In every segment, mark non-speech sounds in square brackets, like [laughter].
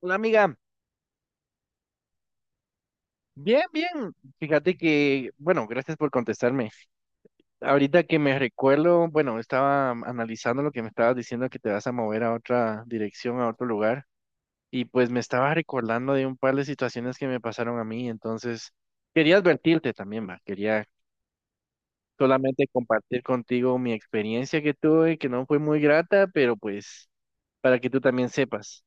Hola amiga, bien, bien. Fíjate que, bueno, gracias por contestarme. Ahorita que me recuerdo, bueno, estaba analizando lo que me estabas diciendo que te vas a mover a otra dirección, a otro lugar, y pues me estaba recordando de un par de situaciones que me pasaron a mí, entonces quería advertirte también, va. Quería solamente compartir contigo mi experiencia que tuve, que no fue muy grata, pero pues para que tú también sepas.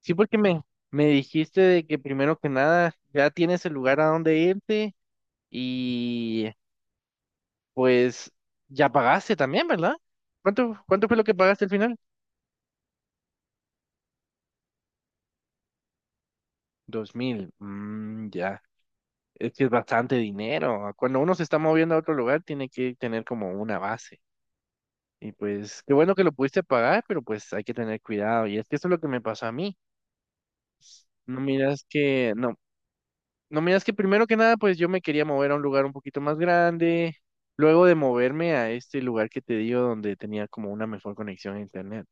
Sí, porque me dijiste de que primero que nada ya tienes el lugar a donde irte. Y pues ya pagaste también, ¿verdad? ¿Cuánto fue lo que pagaste al final? 2.000. Mm, ya. Es que es bastante dinero. Ah, cuando uno se está moviendo a otro lugar, tiene que tener como una base. Y pues, qué bueno que lo pudiste pagar, pero pues hay que tener cuidado. Y es que eso es lo que me pasó a mí. No miras que, no, no miras que primero que nada, pues yo me quería mover a un lugar un poquito más grande. Luego de moverme a este lugar que te digo, donde tenía como una mejor conexión a internet.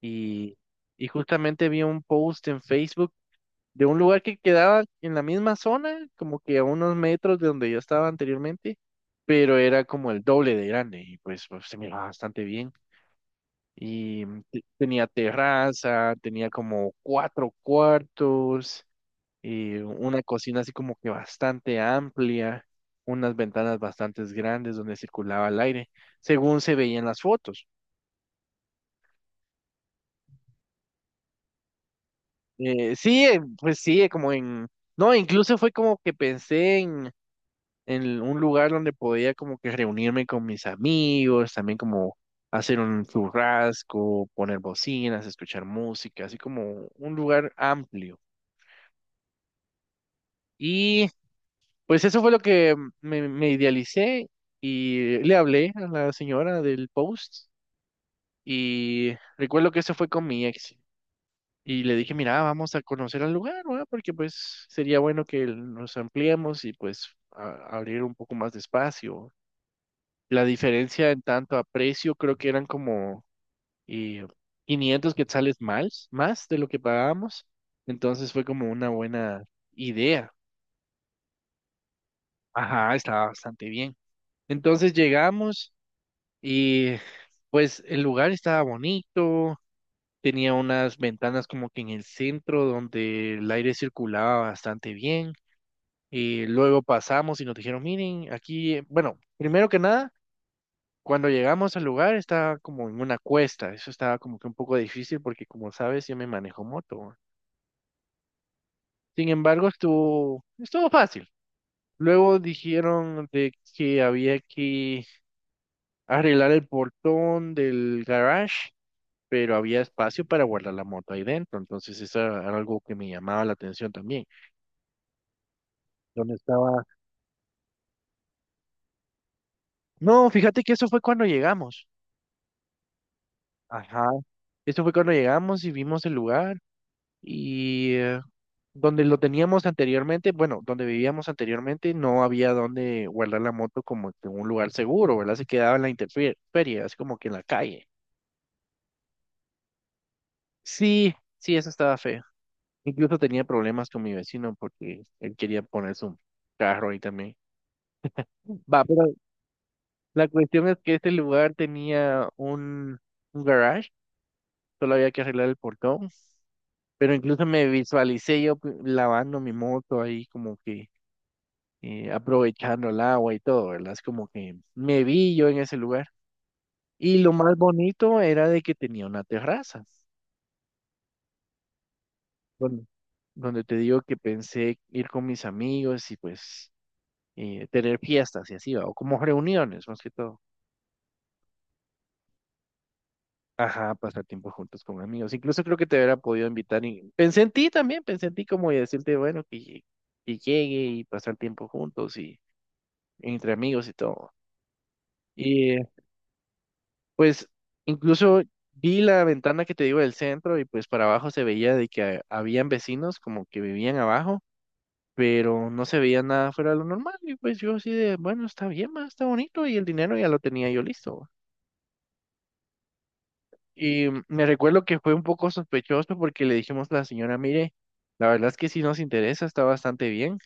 Y, y justamente vi un post en Facebook de un lugar que quedaba en la misma zona, como que a unos metros de donde yo estaba anteriormente, pero era como el doble de grande y pues, pues, se miraba bastante bien. Y tenía terraza, tenía como cuatro cuartos, y una cocina así como que bastante amplia, unas ventanas bastante grandes donde circulaba el aire, según se veía en las fotos. Sí, pues sí, como en... No, incluso fue como que pensé en un lugar donde podía como que reunirme con mis amigos, también como hacer un churrasco, poner bocinas, escuchar música, así como un lugar amplio. Y pues eso fue lo que me idealicé y le hablé a la señora del post y recuerdo que eso fue con mi ex. Y le dije, mira, vamos a conocer al lugar, ¿verdad? Porque pues sería bueno que nos ampliemos y pues abrir un poco más de espacio. La diferencia en tanto a precio creo que eran como eh, 500 quetzales más, más de lo que pagábamos. Entonces fue como una buena idea. Ajá, estaba bastante bien. Entonces llegamos y pues el lugar estaba bonito, tenía unas ventanas como que en el centro donde el aire circulaba bastante bien. Y luego pasamos y nos dijeron, miren, aquí, bueno, primero que nada, cuando llegamos al lugar estaba como en una cuesta, eso estaba como que un poco difícil porque como sabes, yo me manejo moto, ¿va? Sin embargo, estuvo, estuvo fácil. Luego dijeron de que había que arreglar el portón del garage, pero había espacio para guardar la moto ahí dentro, entonces eso era algo que me llamaba la atención también. ¿Dónde estaba? No, fíjate que eso fue cuando llegamos. Ajá. Eso fue cuando llegamos y vimos el lugar y donde lo teníamos anteriormente, bueno, donde vivíamos anteriormente, no había donde guardar la moto como que en un lugar seguro, ¿verdad? Se quedaba en la intemperie, así como que en la calle. Sí, sí, eso estaba feo. Incluso tenía problemas con mi vecino porque él quería poner su carro ahí también. Va, pero la cuestión es que este lugar tenía un garage, solo había que arreglar el portón pero incluso me visualicé yo lavando mi moto ahí como que aprovechando el agua y todo, ¿verdad? Es como que me vi yo en ese lugar. Y lo más bonito era de que tenía una terraza, donde, donde te digo que pensé ir con mis amigos y pues tener fiestas y así, ¿va? O como reuniones más que todo. Ajá, pasar tiempo juntos con amigos. Incluso creo que te hubiera podido invitar y pensé en ti también, pensé en ti como y decirte, bueno, que llegue y pasar tiempo juntos y entre amigos y todo. Y pues incluso vi la ventana que te digo del centro y pues para abajo se veía de que habían vecinos como que vivían abajo, pero no se veía nada fuera de lo normal. Y pues yo así de, bueno, está bien, ma, está bonito y el dinero ya lo tenía yo listo. Y me recuerdo que fue un poco sospechoso porque le dijimos a la señora, mire, la verdad es que sí nos interesa, está bastante bien,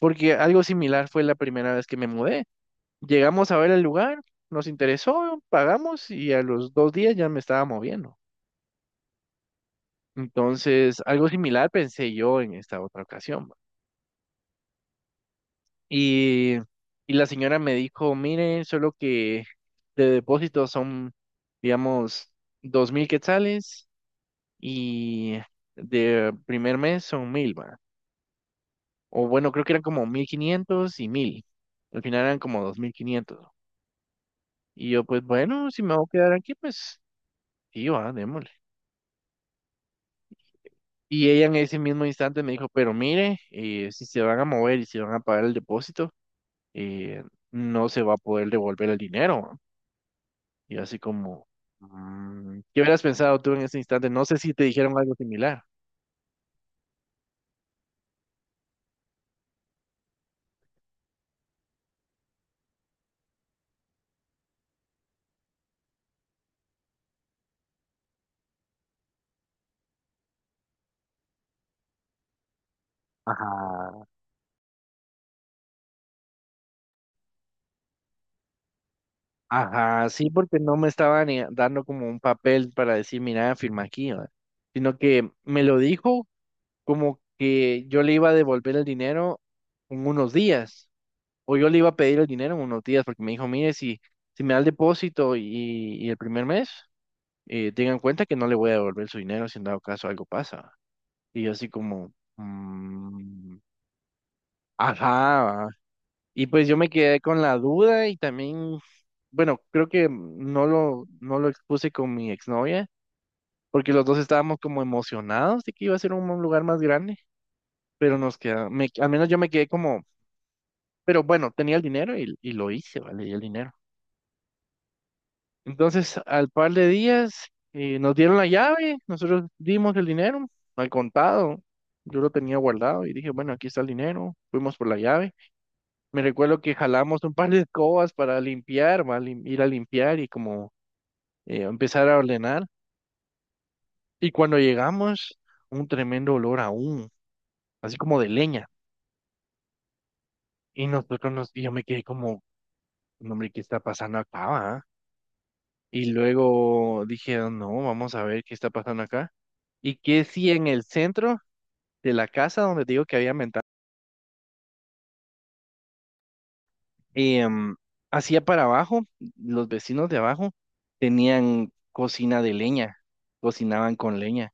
porque algo similar fue la primera vez que me mudé. Llegamos a ver el lugar, nos interesó, pagamos y a los 2 días ya me estaba moviendo. Entonces, algo similar pensé yo en esta otra ocasión, ¿va? Y, y la señora me dijo, mire, solo que de depósito son, digamos, 2.000 quetzales y de primer mes son mil, va. O bueno, creo que eran como 1.500 y mil. Al final eran como 2.500. Y yo, pues bueno, si me voy a quedar aquí, pues sí, va, démosle. Y ella en ese mismo instante me dijo, pero mire, si se van a mover y si van a pagar el depósito. eh, no se va a poder devolver el dinero, ¿no? Y así como, ¿qué hubieras pensado tú en ese instante? No sé si te dijeron algo similar. Ajá, ajá, sí, porque no me estaban dando como un papel para decir, mira, firma aquí, ¿va? Sino que me lo dijo como que yo le iba a devolver el dinero en unos días, o yo le iba a pedir el dinero en unos días, porque me dijo, mire, si, si me da el depósito y el primer mes, tengan en cuenta que no le voy a devolver su dinero si en dado caso algo pasa. Y yo así como, mm, ajá. Y pues yo me quedé con la duda y también, bueno, creo que no lo expuse con mi exnovia, porque los dos estábamos como emocionados de que iba a ser un lugar más grande, pero nos queda, me, al menos yo me quedé como, pero bueno, tenía el dinero y lo hice, ¿vale? Y el dinero. Entonces, al par de días, nos dieron la llave, nosotros dimos el dinero al contado, yo lo tenía guardado y dije, bueno, aquí está el dinero, fuimos por la llave. Me recuerdo que jalamos un par de escobas para limpiar, va, lim- ir a limpiar y como empezar a ordenar. Y cuando llegamos, un tremendo olor aún, así como de leña. Y y yo me quedé como, "No, hombre, ¿qué está pasando acá, va?". Y luego dije, no, vamos a ver qué está pasando acá. Y que si en el centro de la casa donde te digo que había ventana, em, hacia para abajo, los vecinos de abajo tenían cocina de leña, cocinaban con leña.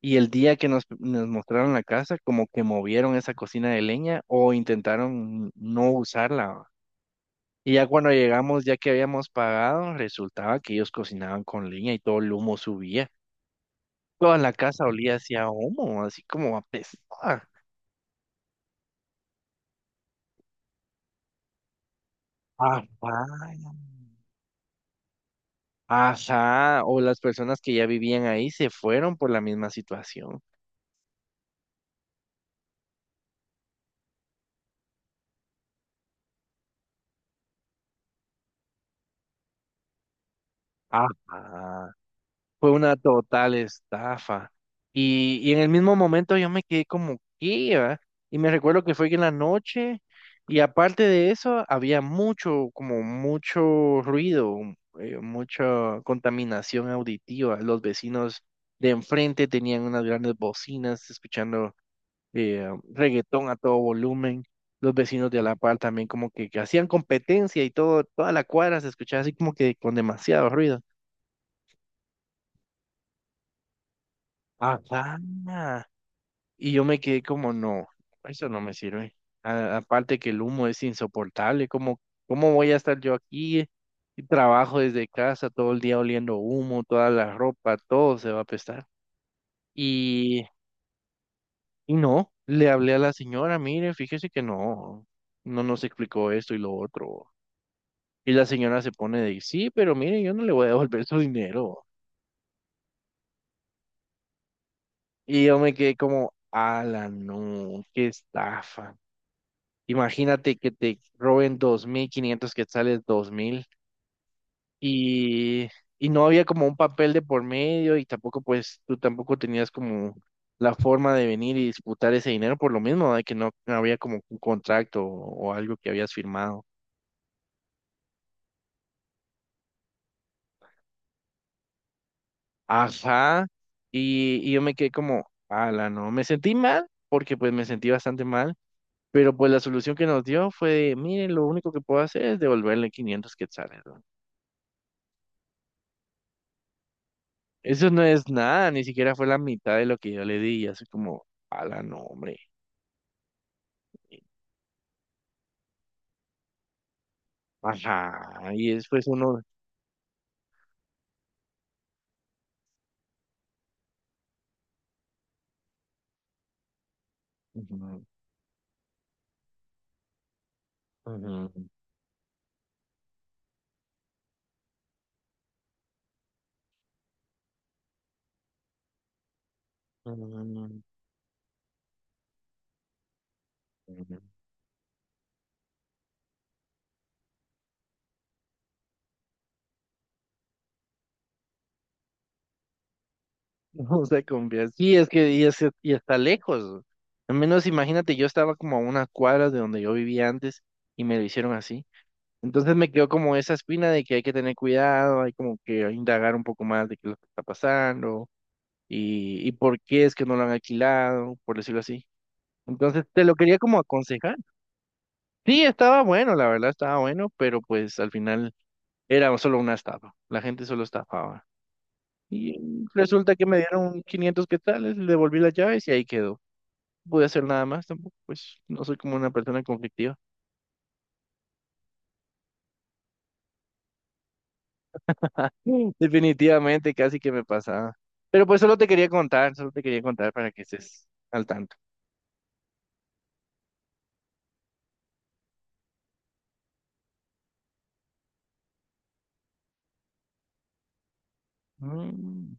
Y el día que nos mostraron la casa, como que movieron esa cocina de leña o intentaron no usarla, ¿va? Y ya cuando llegamos, ya que habíamos pagado, resultaba que ellos cocinaban con leña y todo el humo subía. Toda la casa olía hacia humo, así como apestaba. Ah, vaya. Ajá, o las personas que ya vivían ahí se fueron por la misma situación. Ajá. Fue una total estafa. Y en el mismo momento yo me quedé como, ¿qué, va? Y me recuerdo que fue en la noche y aparte de eso había mucho, como mucho ruido, mucha contaminación auditiva. Los vecinos de enfrente tenían unas grandes bocinas escuchando eh, reggaetón a todo volumen. Los vecinos de la par también como que hacían competencia y todo, toda la cuadra se escuchaba así como que con demasiado ruido. Ajá. Y yo me quedé como, no, eso no me sirve. Aparte que el humo es insoportable, ¿cómo voy a estar yo aquí? Y trabajo desde casa todo el día oliendo humo, toda la ropa, todo se va a apestar. Y, y no, le hablé a la señora, mire, fíjese que no nos explicó esto y lo otro. Y la señora se pone de, sí, pero mire, yo no le voy a devolver su dinero. Y yo me quedé como, ala, no, qué estafa. Imagínate que te roben 2.500 quetzales, 2.000 y, y no había como un papel de por medio y tampoco pues tú tampoco tenías como la forma de venir y disputar ese dinero por lo mismo, de que no no había como un contrato o algo que habías firmado. Ajá, y yo me quedé como, ala, no, me sentí mal porque pues me sentí bastante mal, pero pues la solución que nos dio fue, miren, lo único que puedo hacer es devolverle 500 quetzales, ¿no? Eso no es nada, ni siquiera fue la mitad de lo que yo le di, y así como, ala, no, hombre. Ajá, y después uno... Ujú, ujú, ujú, ujú. [laughs] No se confía. Sí, es- que- y está lejos. Al menos imagínate, yo estaba como a una cuadra de donde yo vivía antes y me lo hicieron así. Entonces me quedó como esa espina de que hay que tener cuidado, hay como que indagar un poco más de qué es lo que está pasando y por qué es que no lo han alquilado, por decirlo así. Entonces te lo quería como aconsejar. Sí, estaba bueno, la verdad estaba bueno, pero pues al final era solo una estafa. La gente solo estafaba. Y resulta que me dieron 500 quetzales, le devolví las llaves y ahí quedó. No pude hacer nada más tampoco, pues no soy como una persona conflictiva. Mm. Definitivamente casi que me pasaba. Pero pues solo te quería contar, solo te quería contar para que estés al tanto. Mm,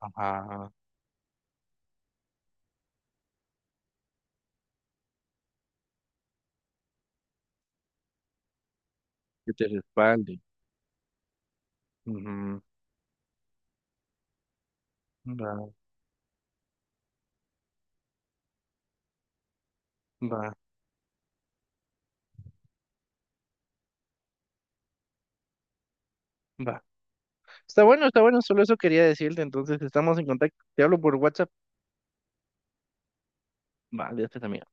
ajá, que te respalde. Ujú, va, va, va. Está bueno, solo eso quería decirte. Entonces, estamos en contacto. Te hablo por WhatsApp. Vale, hasta también.